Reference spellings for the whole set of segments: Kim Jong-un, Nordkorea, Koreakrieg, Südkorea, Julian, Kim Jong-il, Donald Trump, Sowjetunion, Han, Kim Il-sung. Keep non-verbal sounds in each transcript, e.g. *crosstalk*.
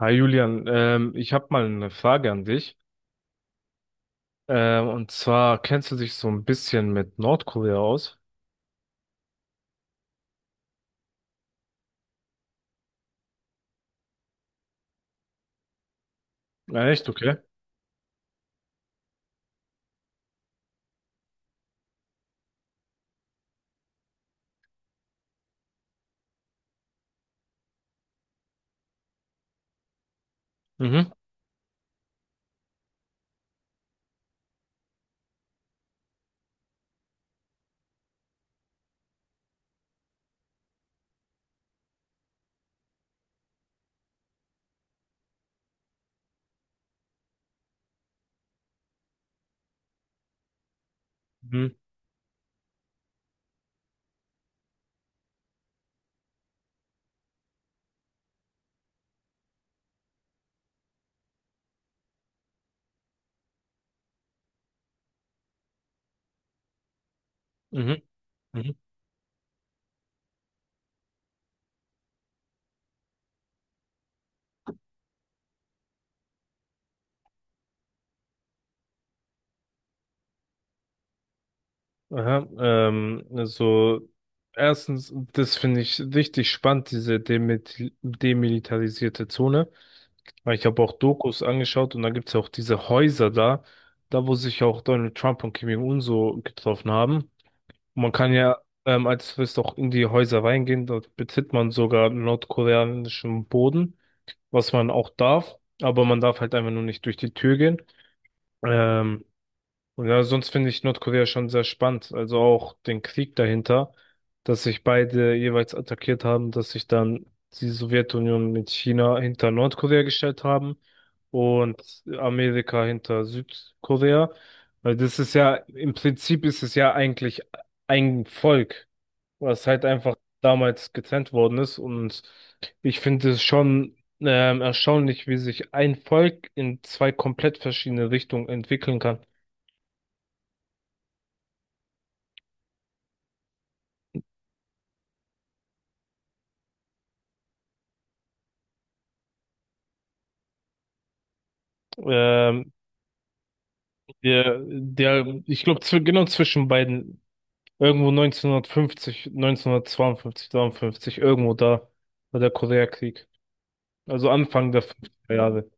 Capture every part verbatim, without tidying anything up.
Hi Julian, ähm, ich habe mal eine Frage an dich. Ähm, und zwar, kennst du dich so ein bisschen mit Nordkorea aus? Ah, echt, okay. Mhm. Mhm. Mhm. Mhm. Aha. Ähm, also erstens, das finde ich richtig spannend, diese demil- demilitarisierte Zone. Weil ich habe auch Dokus angeschaut und da gibt es auch diese Häuser da, da wo sich auch Donald Trump und Kim Jong-un so getroffen haben. Und man kann ja ähm, als Tourist auch in die Häuser reingehen. Dort betritt man sogar nordkoreanischen Boden, was man auch darf. Aber man darf halt einfach nur nicht durch die Tür gehen. Ähm, und ja, sonst finde ich Nordkorea schon sehr spannend. Also auch den Krieg dahinter, dass sich beide jeweils attackiert haben, dass sich dann die Sowjetunion mit China hinter Nordkorea gestellt haben und Amerika hinter Südkorea. Weil das ist ja, im Prinzip ist es ja eigentlich ein Volk, was halt einfach damals getrennt worden ist. Und ich finde es schon ähm, erstaunlich, wie sich ein Volk in zwei komplett verschiedene Richtungen entwickeln kann. Ähm, der, der, Ich glaube, zw genau zwischen beiden, irgendwo neunzehnhundertfünfzig, neunzehnhundertzweiundfünfzig, dreiundfünfzig, irgendwo da war der Koreakrieg. Also Anfang der fünfziger Jahre.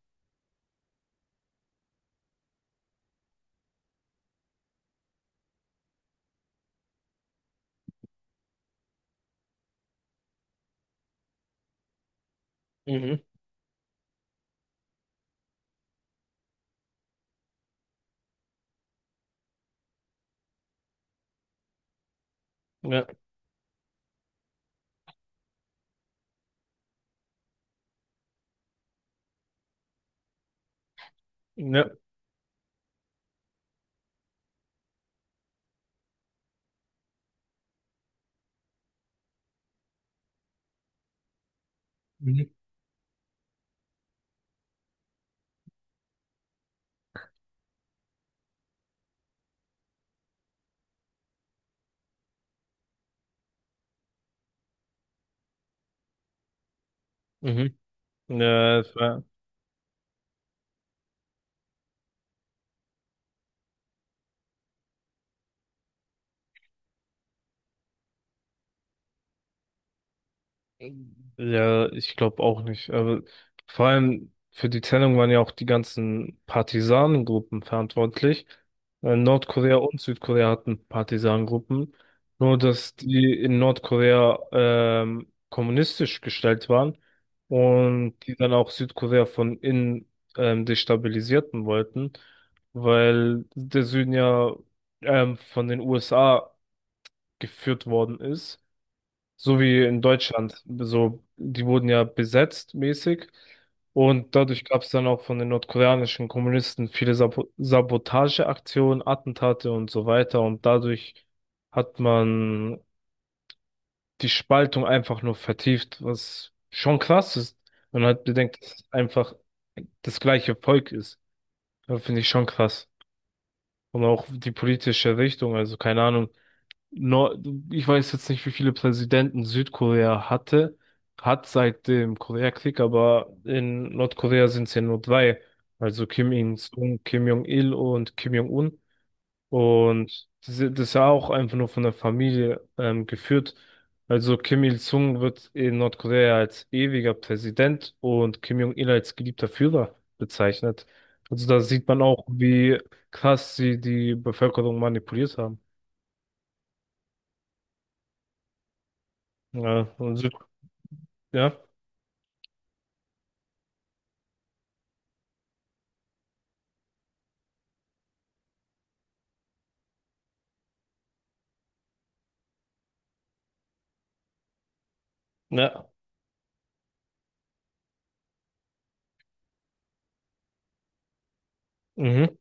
Mhm. Ja, ja. Mhm. Mhm. Mhm. Ja, Ja, ich glaube auch nicht. Aber vor allem für die Trennung waren ja auch die ganzen Partisanengruppen verantwortlich. Äh, Nordkorea und Südkorea hatten Partisanengruppen. Nur, dass die in Nordkorea ähm, kommunistisch gestellt waren und die dann auch Südkorea von innen ähm, destabilisierten wollten, weil der Süden ja ähm, von den U S A geführt worden ist. So wie in Deutschland. So, die wurden ja besetzt mäßig. Und dadurch gab es dann auch von den nordkoreanischen Kommunisten viele Sabo Sabotageaktionen, Attentate und so weiter. Und dadurch hat man die Spaltung einfach nur vertieft, was schon krass ist. Man hat bedenkt, dass es einfach das gleiche Volk ist. Das finde ich schon krass. Und auch die politische Richtung. Also keine Ahnung. Nor Ich weiß jetzt nicht, wie viele Präsidenten Südkorea hatte, hat seit dem Koreakrieg, aber in Nordkorea sind es ja nur drei. Also Kim Il-sung, Kim Jong-il und Kim Jong-un. Und das ist das ist ja auch einfach nur von der Familie ähm, geführt. Also Kim Il-sung wird in Nordkorea als ewiger Präsident und Kim Jong-il als geliebter Führer bezeichnet. Also da sieht man auch, wie krass sie die Bevölkerung manipuliert haben. Ja, und Süd ja. Ja, mhm,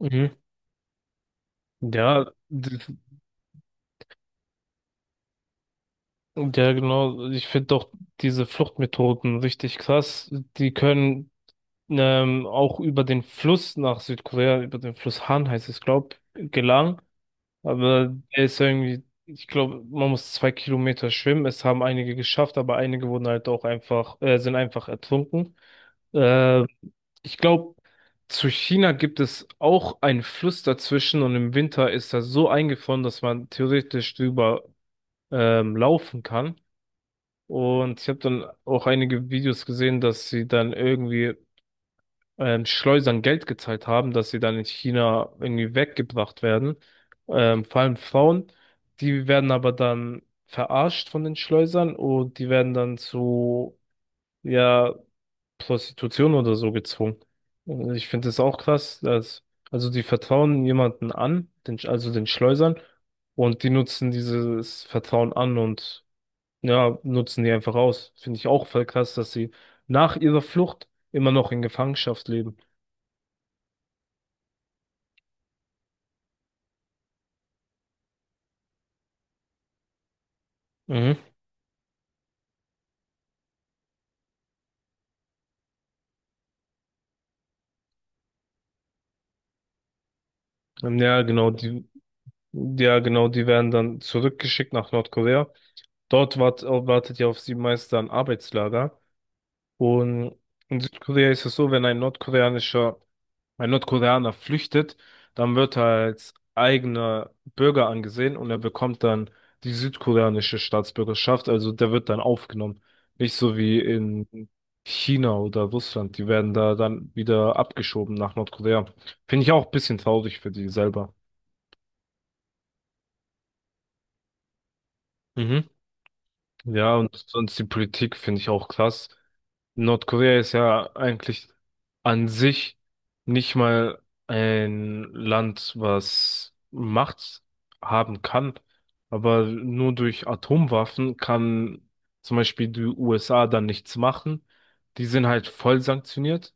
mhm. Ja, d- ja, genau. Ich finde auch diese Fluchtmethoden richtig krass. Die können ähm, auch über den Fluss nach Südkorea, über den Fluss Han heißt es, glaube ich, gelangen. Aber der ist irgendwie, ich glaube, man muss zwei Kilometer schwimmen. Es haben einige geschafft, aber einige wurden halt auch einfach, äh, sind einfach ertrunken. Äh, Ich glaube, zu China gibt es auch einen Fluss dazwischen und im Winter ist er so eingefroren, dass man theoretisch drüber ähm, laufen kann. Und ich habe dann auch einige Videos gesehen, dass sie dann irgendwie ähm, Schleusern Geld gezahlt haben, dass sie dann in China irgendwie weggebracht werden. Ähm, vor allem Frauen, die werden aber dann verarscht von den Schleusern und die werden dann zu, ja, Prostitution oder so gezwungen. Und ich finde es auch krass, dass, also die vertrauen jemanden an, den, also den Schleusern, und die nutzen dieses Vertrauen an und ja, nutzen die einfach aus. Finde ich auch voll krass, dass sie nach ihrer Flucht immer noch in Gefangenschaft leben. Mhm. Ja, genau, die, ja, genau, die werden dann zurückgeschickt nach Nordkorea. Dort wart, wartet ja auf sie meist ein Arbeitslager. Und in Südkorea ist es so, wenn ein nordkoreanischer Ein Nordkoreaner flüchtet, dann wird er als eigener Bürger angesehen und er bekommt dann die südkoreanische Staatsbürgerschaft, also der wird dann aufgenommen. Nicht so wie in China oder Russland, die werden da dann wieder abgeschoben nach Nordkorea. Finde ich auch ein bisschen traurig für die selber. Mhm. Ja, und sonst die Politik finde ich auch krass. Nordkorea ist ja eigentlich an sich nicht mal ein Land, was Macht haben kann, aber nur durch Atomwaffen kann zum Beispiel die U S A dann nichts machen. Die sind halt voll sanktioniert,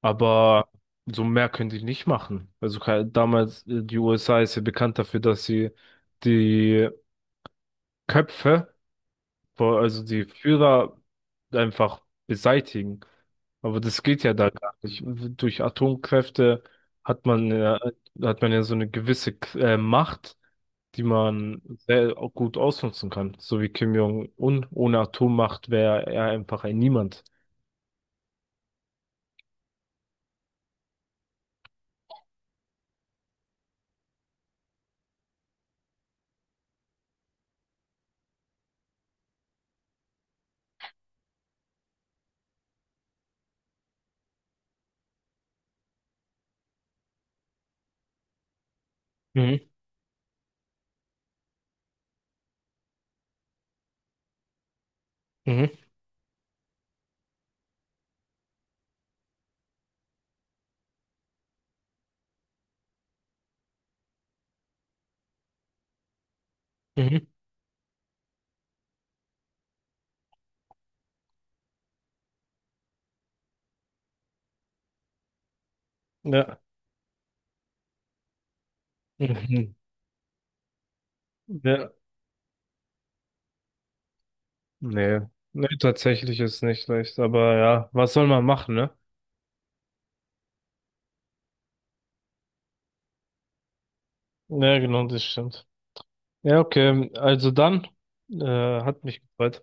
aber so mehr können die nicht machen. Also ke- damals, äh, die U S A ist ja bekannt dafür, dass sie die Köpfe, vor- also die Führer einfach beseitigen. Aber das geht ja da gar nicht. Durch Atomkräfte hat man ja, hat man ja so eine gewisse äh, Macht, die man sehr au- gut ausnutzen kann. So wie Kim Jong-un. Ohne Atommacht wäre er einfach ein Niemand. Mhm, mhm, mhm. Ja. *laughs* Mhm. Ja. Nee. Nee, tatsächlich ist nicht leicht. Aber ja, was soll man machen, ne? Ja, genau, das stimmt. Ja, okay. Also dann, äh, hat mich gefreut.